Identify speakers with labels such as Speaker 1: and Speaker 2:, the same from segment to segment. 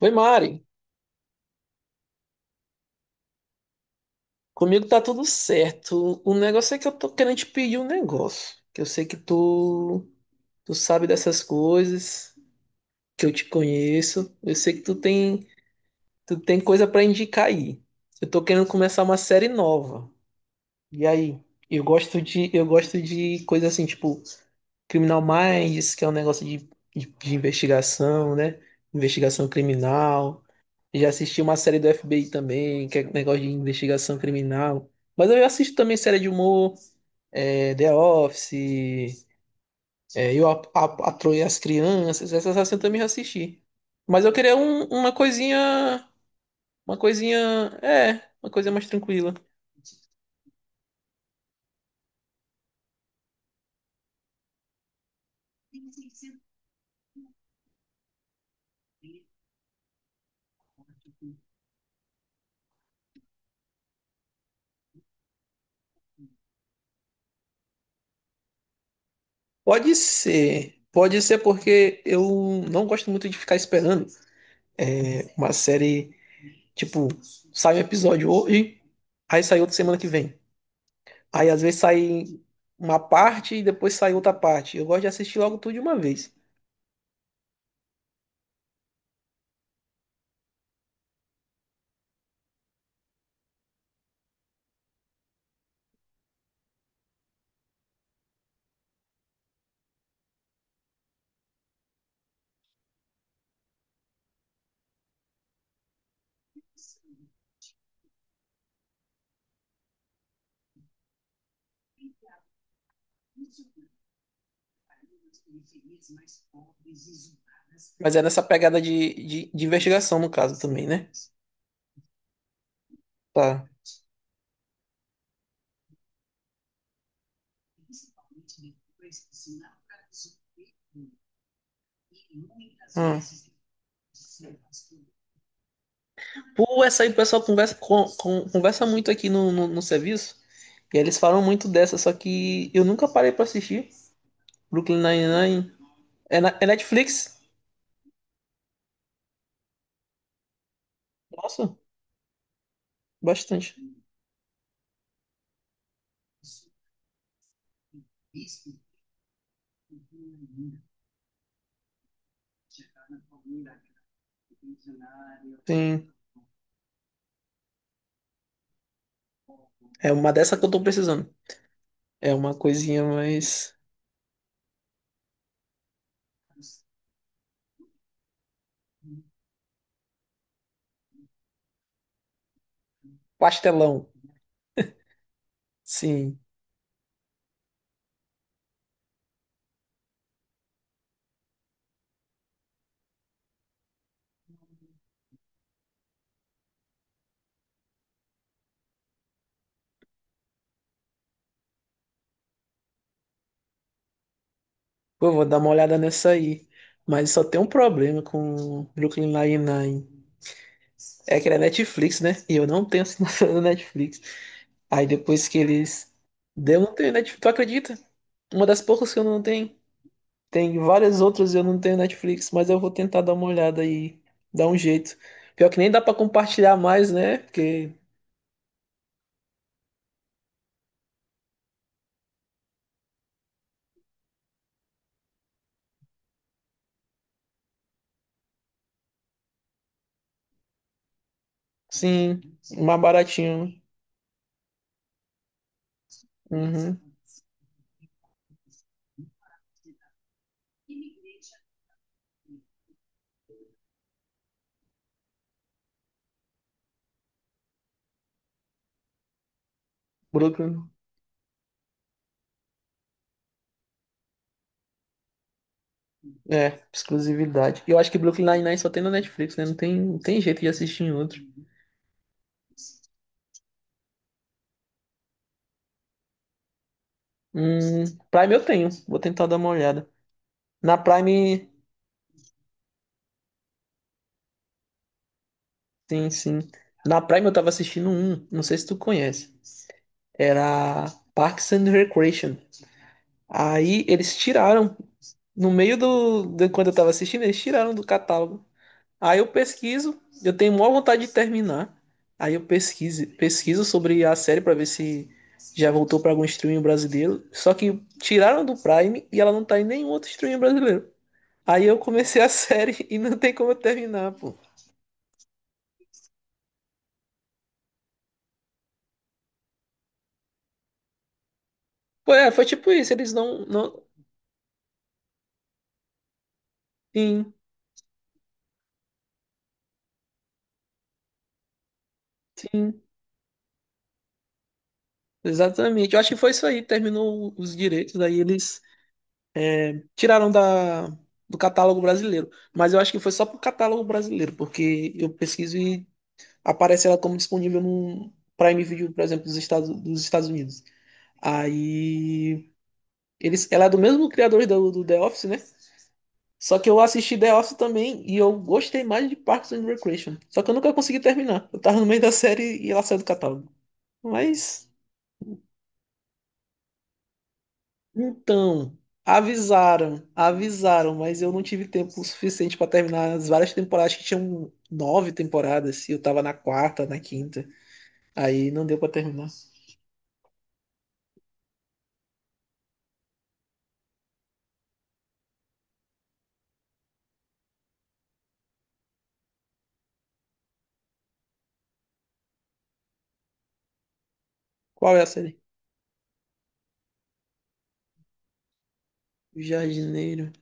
Speaker 1: Oi, Mari. Comigo tá tudo certo. O negócio é que eu tô querendo te pedir um negócio. Que eu sei que tu, tu sabe dessas coisas, que eu te conheço. Eu sei que tu tem coisa pra indicar aí. Eu tô querendo começar uma série nova. E aí? Eu gosto de coisa assim, tipo, Criminal Minds, que é um negócio de investigação, né? Investigação criminal. Já assisti uma série do FBI também, que é um negócio de investigação criminal. Mas eu assisto também série de humor, The Office, Eu a Troia e as Crianças, essas assim eu também já assisti. Mas eu queria uma coisinha, uma coisinha, uma coisa mais tranquila. Pode ser porque eu não gosto muito de ficar esperando uma série, tipo, sai um episódio hoje, aí sai outro semana que vem. Aí às vezes sai uma parte e depois sai outra parte. Eu gosto de assistir logo tudo de uma vez. Mas é nessa pegada de investigação, no caso, também, né? Tá. Ah. Pô, essa aí o pessoal conversa, conversa muito aqui no serviço. E aí eles falam muito dessa, só que eu nunca parei pra assistir. Brooklyn Nine-Nine. É, é Netflix? Nossa, bastante. Sim. É uma dessa que eu tô precisando. É uma coisinha mais pastelão. Sim. Pô, vou dar uma olhada nessa aí. Mas só tem um problema com Brooklyn Nine-Nine. É que ele é Netflix, né? E eu não tenho assinatura da Netflix. Aí depois que eles... Eu não tenho Netflix, tu acredita? Uma das poucas que eu não tenho. Tem várias outras e eu não tenho Netflix, mas eu vou tentar dar uma olhada e dar um jeito. Pior que nem dá pra compartilhar mais, né? Porque, sim, mais baratinho, né? Uhum. Brooklyn. É, exclusividade. E eu acho que Brooklyn Nine-Nine só tem na Netflix, né? Não tem, não tem jeito de assistir em outro. Prime eu tenho, vou tentar dar uma olhada. Na Prime, sim, sim. Na Prime eu tava assistindo um, não sei se tu conhece. Era Parks and Recreation. Aí eles tiraram, no meio do, de quando eu tava assistindo, eles tiraram do catálogo. Aí eu pesquiso, eu tenho maior vontade de terminar. Aí eu pesquiso, pesquiso sobre a série para ver se já voltou para algum streaming brasileiro. Só que tiraram do Prime e ela não tá em nenhum outro streaming brasileiro. Aí eu comecei a série e não tem como eu terminar, pô. Pô, é, foi tipo isso, eles não, não... Sim, sim, exatamente. Eu acho que foi isso aí, terminou os direitos, daí eles tiraram da, do catálogo brasileiro. Mas eu acho que foi só pro catálogo brasileiro, porque eu pesquiso e aparece ela como disponível no Prime Video, por exemplo, dos Estados Unidos. Aí. Eles, ela é do mesmo criador do The Office, né? Só que eu assisti The Office também e eu gostei mais de Parks and Recreation. Só que eu nunca consegui terminar. Eu tava no meio da série e ela saiu do catálogo. Mas, então, avisaram, avisaram, mas eu não tive tempo suficiente pra terminar as várias temporadas, que tinham 9 temporadas, e eu tava na quarta, na quinta. Aí não deu pra terminar. Qual é a série? O Jardineiro.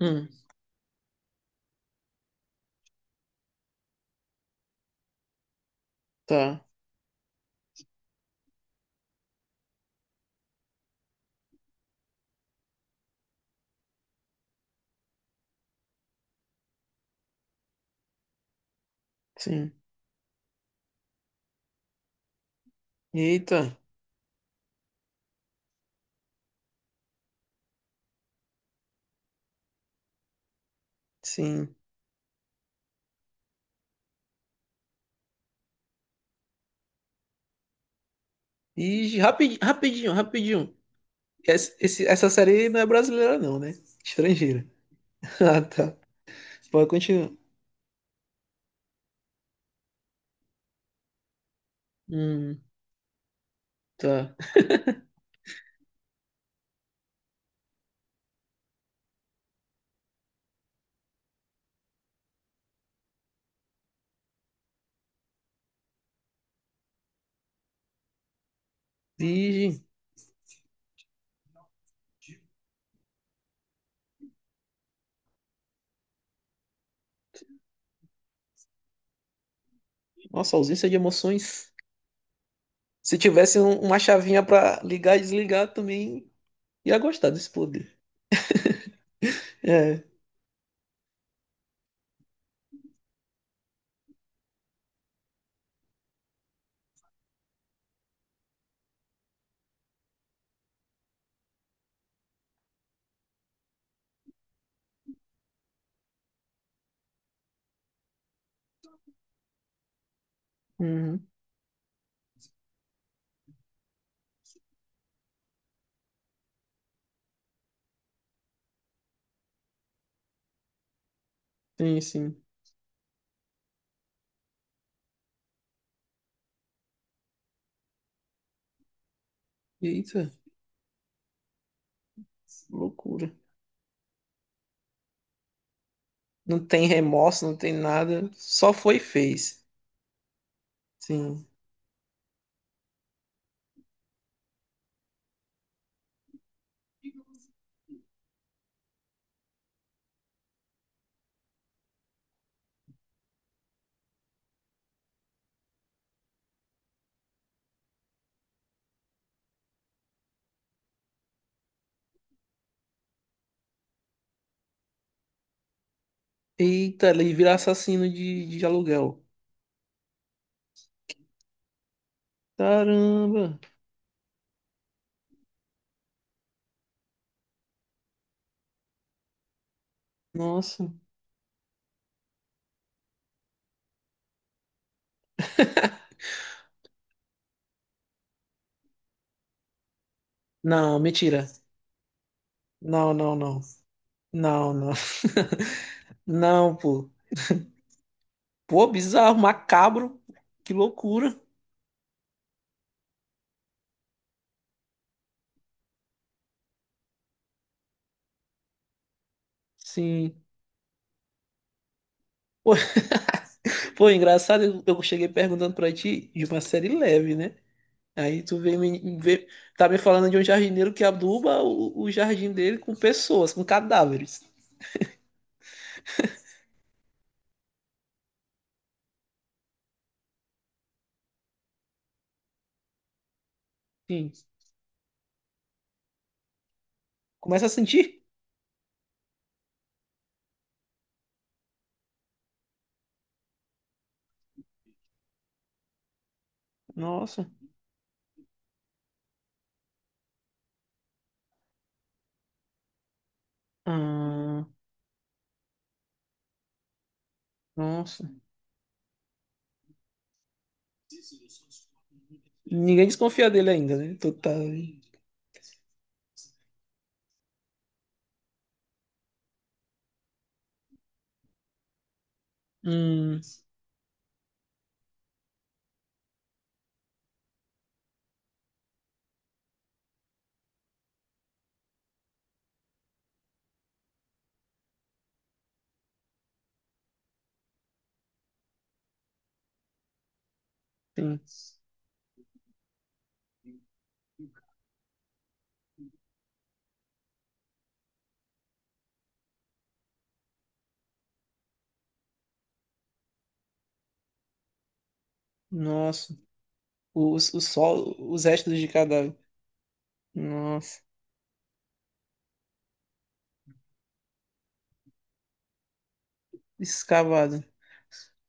Speaker 1: Hum, tá, sim. Eita, sim. E rapidinho, rapidinho, rapidinho. Essa, essa série não é brasileira, não, né? Estrangeira. Ah, tá. Pode continuar. Hum, tá. Virgem. Nossa, ausência de emoções. Se tivesse uma chavinha pra ligar e desligar, também ia gostar desse poder. É. Uhum. Sim, sim. Eita, loucura. Não tem remorso, não tem nada. Só foi e fez. Sim. Eita, ele vira assassino de aluguel. Caramba! Nossa. Não, mentira. Não, não, não. Não, não. Não, pô. Pô, bizarro, macabro. Que loucura. Sim. Pô, pô, engraçado, eu cheguei perguntando pra ti de uma série leve, né? Aí tu veio me, tá me falando de um jardineiro que aduba o jardim dele com pessoas, com cadáveres. Sim. Começa a sentir? Nossa. Ah, nossa. Ninguém desconfia dele ainda, né? Tu tá... Hum, sim. Nossa, os, sol, os restos de cadáver. Nossa, escavado.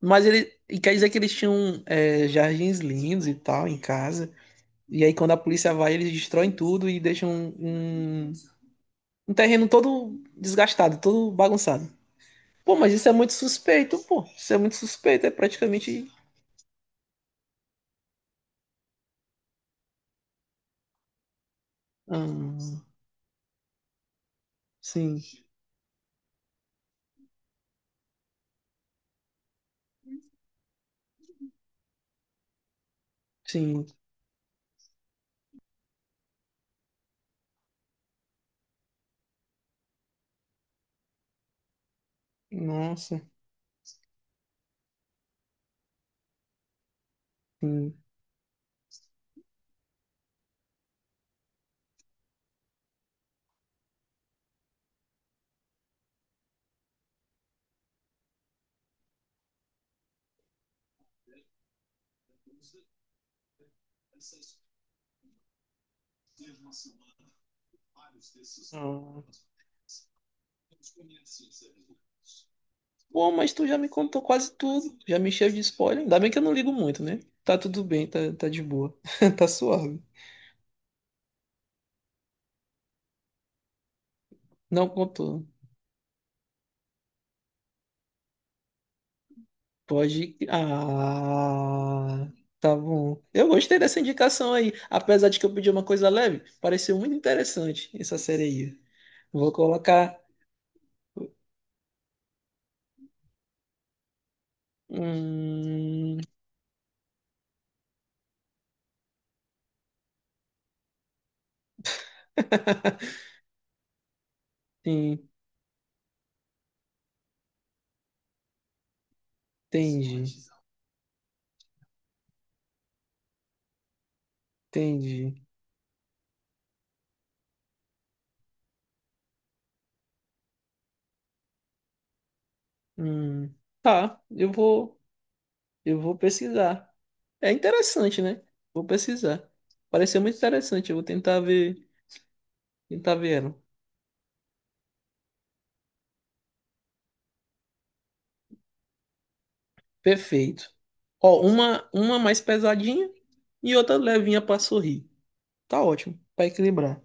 Speaker 1: Mas ele, e quer dizer que eles tinham é, jardins lindos e tal em casa. E aí quando a polícia vai, eles destroem tudo e deixam um terreno todo desgastado, todo bagunçado. Pô, mas isso é muito suspeito, pô. Isso é muito suspeito, é praticamente... Ah, sim, sim. Nossa, sim. Ah. Bom, mas tu já me contou quase tudo, já me encheu de spoiler. Ainda bem que eu não ligo muito, né? Tá tudo bem, tá, tá de boa, tá suave. Não contou. Pode. Ah, tá bom. Eu gostei dessa indicação aí, apesar de que eu pedi uma coisa leve, pareceu muito interessante essa série aí. Vou colocar. Hum... Sim, entendi, entendi. Hum, tá, eu vou pesquisar. É interessante, né? Vou pesquisar. Pareceu muito interessante. Eu vou tentar ver ela. Perfeito. Ó, uma mais pesadinha e outra levinha pra sorrir. Tá ótimo, pra equilibrar.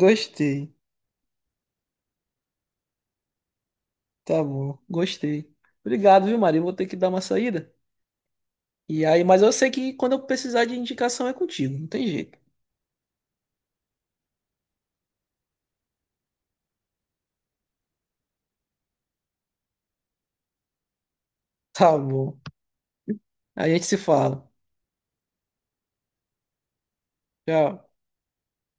Speaker 1: Gostei. Tá bom, gostei. Obrigado, viu, Maria? Eu vou ter que dar uma saída. E aí, mas eu sei que quando eu precisar de indicação é contigo, não tem jeito. Tá bom. A gente se fala. Tchau.